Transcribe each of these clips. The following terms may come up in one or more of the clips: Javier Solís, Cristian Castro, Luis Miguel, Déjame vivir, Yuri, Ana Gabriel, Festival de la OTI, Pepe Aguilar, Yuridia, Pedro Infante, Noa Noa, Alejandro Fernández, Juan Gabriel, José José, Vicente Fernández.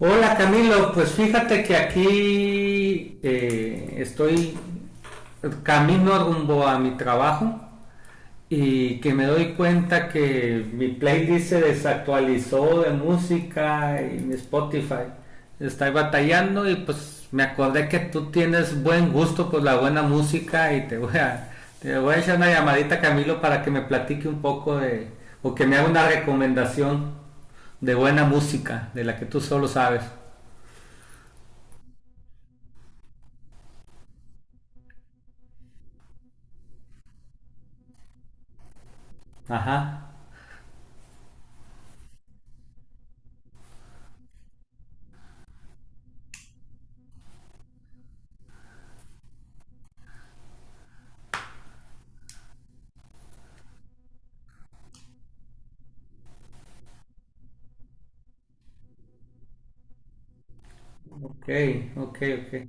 Hola Camilo, pues fíjate que aquí estoy camino rumbo a mi trabajo y que me doy cuenta que mi playlist se desactualizó de música y mi Spotify. Estoy batallando y pues me acordé que tú tienes buen gusto por la buena música y te voy a echar una llamadita Camilo para que me platique un poco o que me haga una recomendación de buena música, de la que tú solo sabes. Ajá, ok, ok, ok.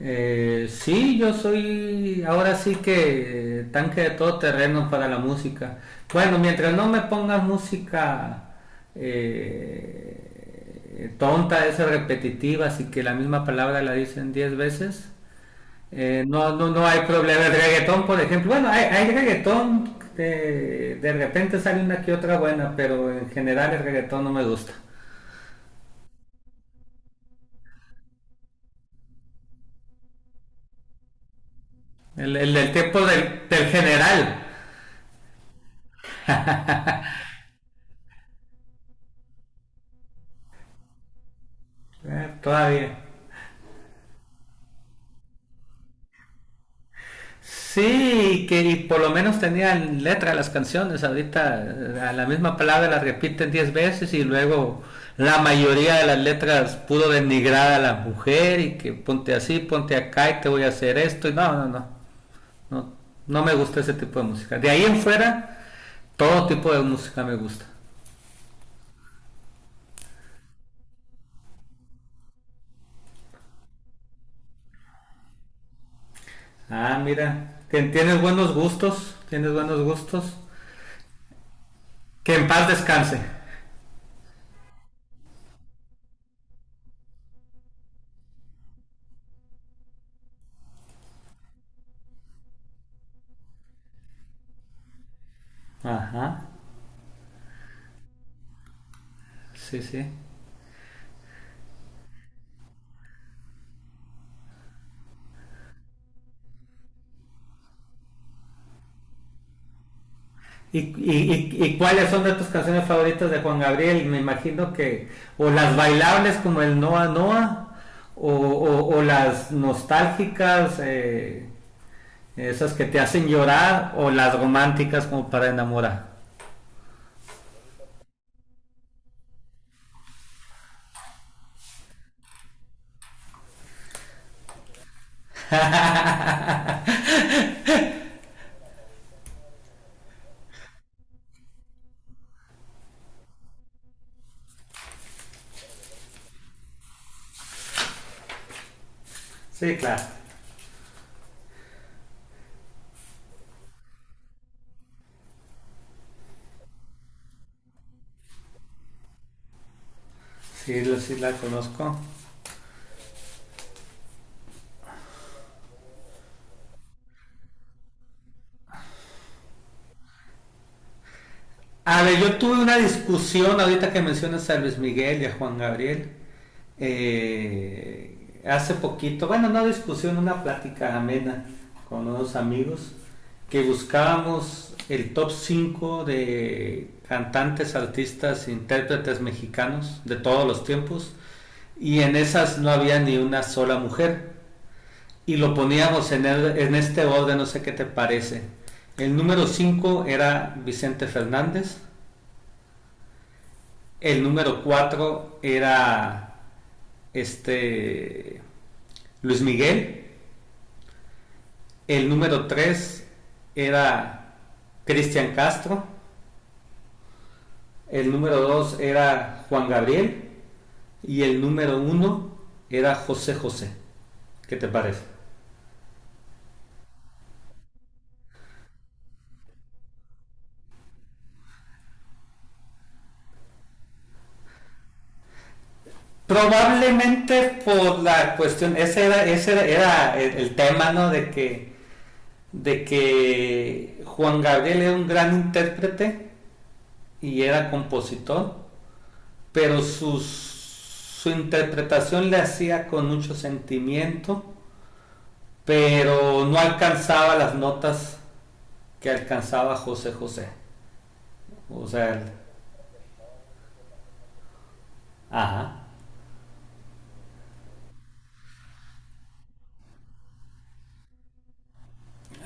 Sí, yo soy ahora sí que tanque de todo terreno para la música. Bueno, mientras no me pongas música tonta, esa repetitiva, así que la misma palabra la dicen 10 veces, no, no, no hay problema. El reggaetón, por ejemplo, bueno, hay reggaetón, de repente sale una que otra buena, pero en general el reggaetón no me gusta. El tiempo del general. Todavía. Sí, que y por lo menos tenían letra las canciones. Ahorita a la misma palabra la repiten 10 veces y luego la mayoría de las letras pudo denigrar a la mujer y que ponte así, ponte acá y te voy a hacer esto. Y no, no, no. No, no me gusta ese tipo de música. De ahí en fuera, todo tipo de música me gusta. Ah, mira, tienes buenos gustos, tienes buenos gustos. Que en paz descanse. Ajá. Sí, sí. ¿Y cuáles son de tus canciones favoritas de Juan Gabriel? Me imagino o las bailables como el Noa Noa, o las nostálgicas, esas que te hacen llorar, o las románticas como para enamorar. Sí, claro. Sí, sí la conozco. A ver, yo tuve una discusión ahorita que mencionas a Luis Miguel y a Juan Gabriel. Hace poquito, bueno, no discusión, una plática amena con unos amigos que buscábamos el top 5 de cantantes, artistas, intérpretes mexicanos de todos los tiempos y en esas no había ni una sola mujer y lo poníamos en este orden, no sé qué te parece. El número 5 era Vicente Fernández, el número 4 era este Luis Miguel. El número 3 era Cristian Castro. El número 2 era Juan Gabriel. Y el número uno era José José. ¿Qué te parece? Probablemente por la cuestión, era el tema, ¿no? De que Juan Gabriel era un gran intérprete y era compositor pero su interpretación le hacía con mucho sentimiento, pero no alcanzaba las notas que alcanzaba José José. O sea, ajá.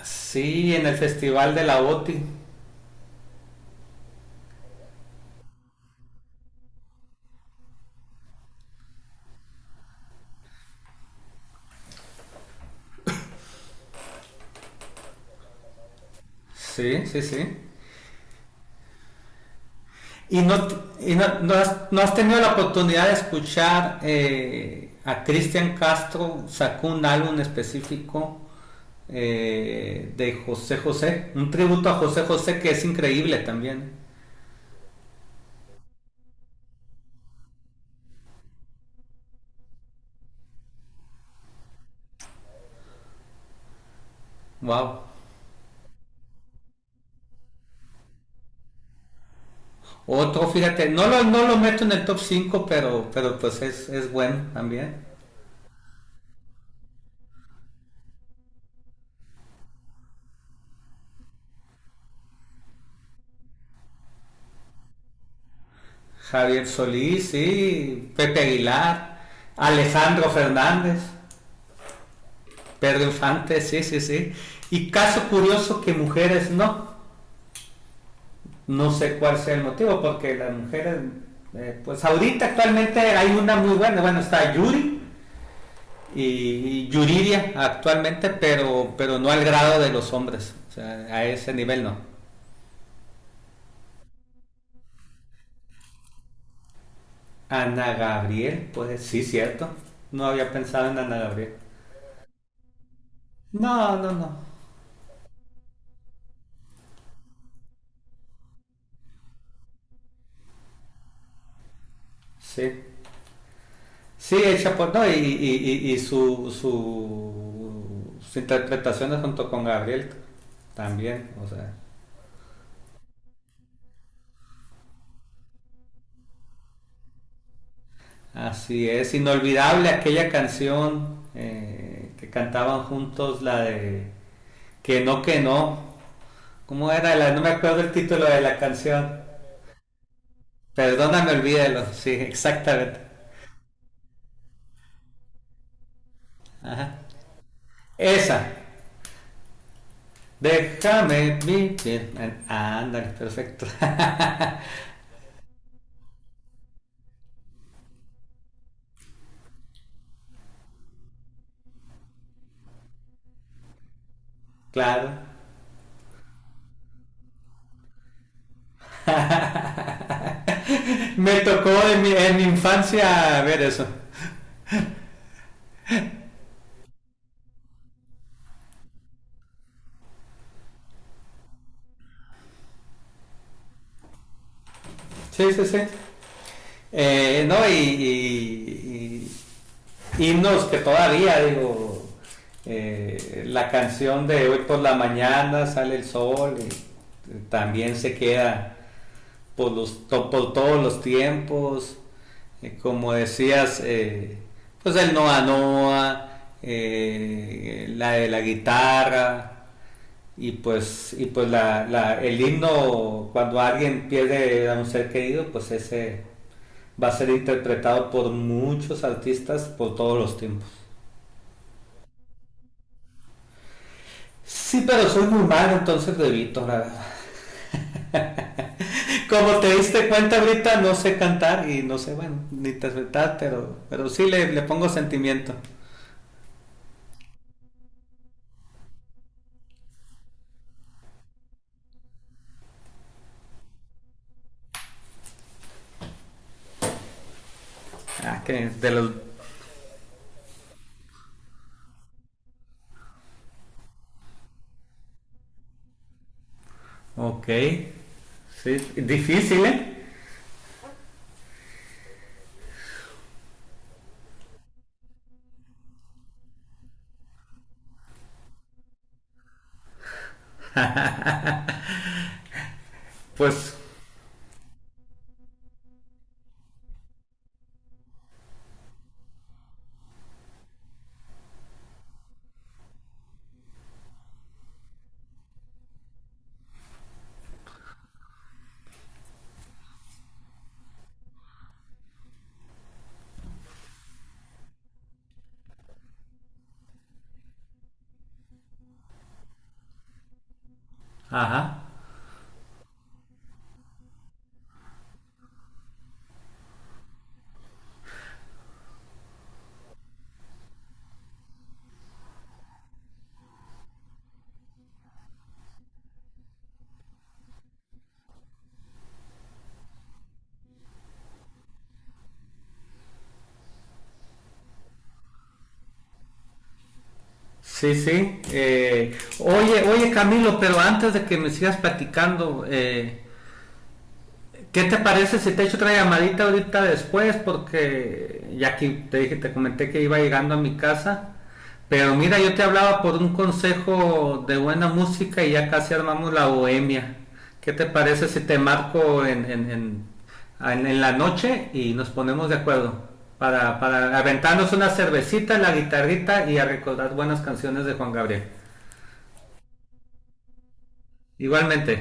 Sí, en el Festival de la OTI. Sí, sí, sí. ¿Y no, ¿No no has tenido la oportunidad de escuchar a Cristian Castro sacó un álbum específico de José José, un tributo a José José que es increíble también. Wow. Otro, fíjate, no lo meto en el top 5 pero pues es bueno también. Javier Solís, sí, Pepe Aguilar, Alejandro Fernández, Pedro Infante, sí, sí, sí. Y caso curioso que mujeres no. No sé cuál sea el motivo, porque pues ahorita actualmente hay una muy buena, bueno, está Yuri y, y Yuridia actualmente, pero no al grado de los hombres, o sea, a ese nivel no. Ana Gabriel, pues sí, cierto. No había pensado en Ana Gabriel. No, no, no. Sí. Sí, el Chapo, no, y sus interpretaciones junto con Gabriel también, o sea, así es, inolvidable aquella canción que cantaban juntos, la de que no, ¿cómo era? No me acuerdo el título de la canción, perdóname, olvídalo, sí, exactamente. Ajá. Esa, déjame vivir. Ándale, perfecto. Claro. Me tocó en mi infancia ver eso. Sí, sí, sí. No, y- y himnos que todavía, digo, la canción de hoy por la mañana sale el sol y también se queda por, los, por todos los tiempos, como decías, pues el Noa Noa, la de la guitarra, y pues el himno, cuando alguien pierde a un ser querido, pues ese va a ser interpretado por muchos artistas por todos los tiempos. Sí, pero soy muy malo, entonces lo evito, la verdad. Como te diste cuenta ahorita, no sé cantar y no sé, bueno, ni interpretar, pero sí le pongo sentimiento. Ah, que de los... Ok. Sí, difícil, ¿eh? Pues, ajá. Sí, sí. Oye, oye Camilo, pero antes de que me sigas platicando, ¿qué te parece si te echo otra llamadita ahorita después? Porque ya que te dije, te comenté que iba llegando a mi casa. Pero mira, yo te hablaba por un consejo de buena música y ya casi armamos la bohemia. ¿Qué te parece si te marco en la noche y nos ponemos de acuerdo? Para aventarnos una cervecita, la guitarrita y a recordar buenas canciones de Juan Gabriel. Igualmente.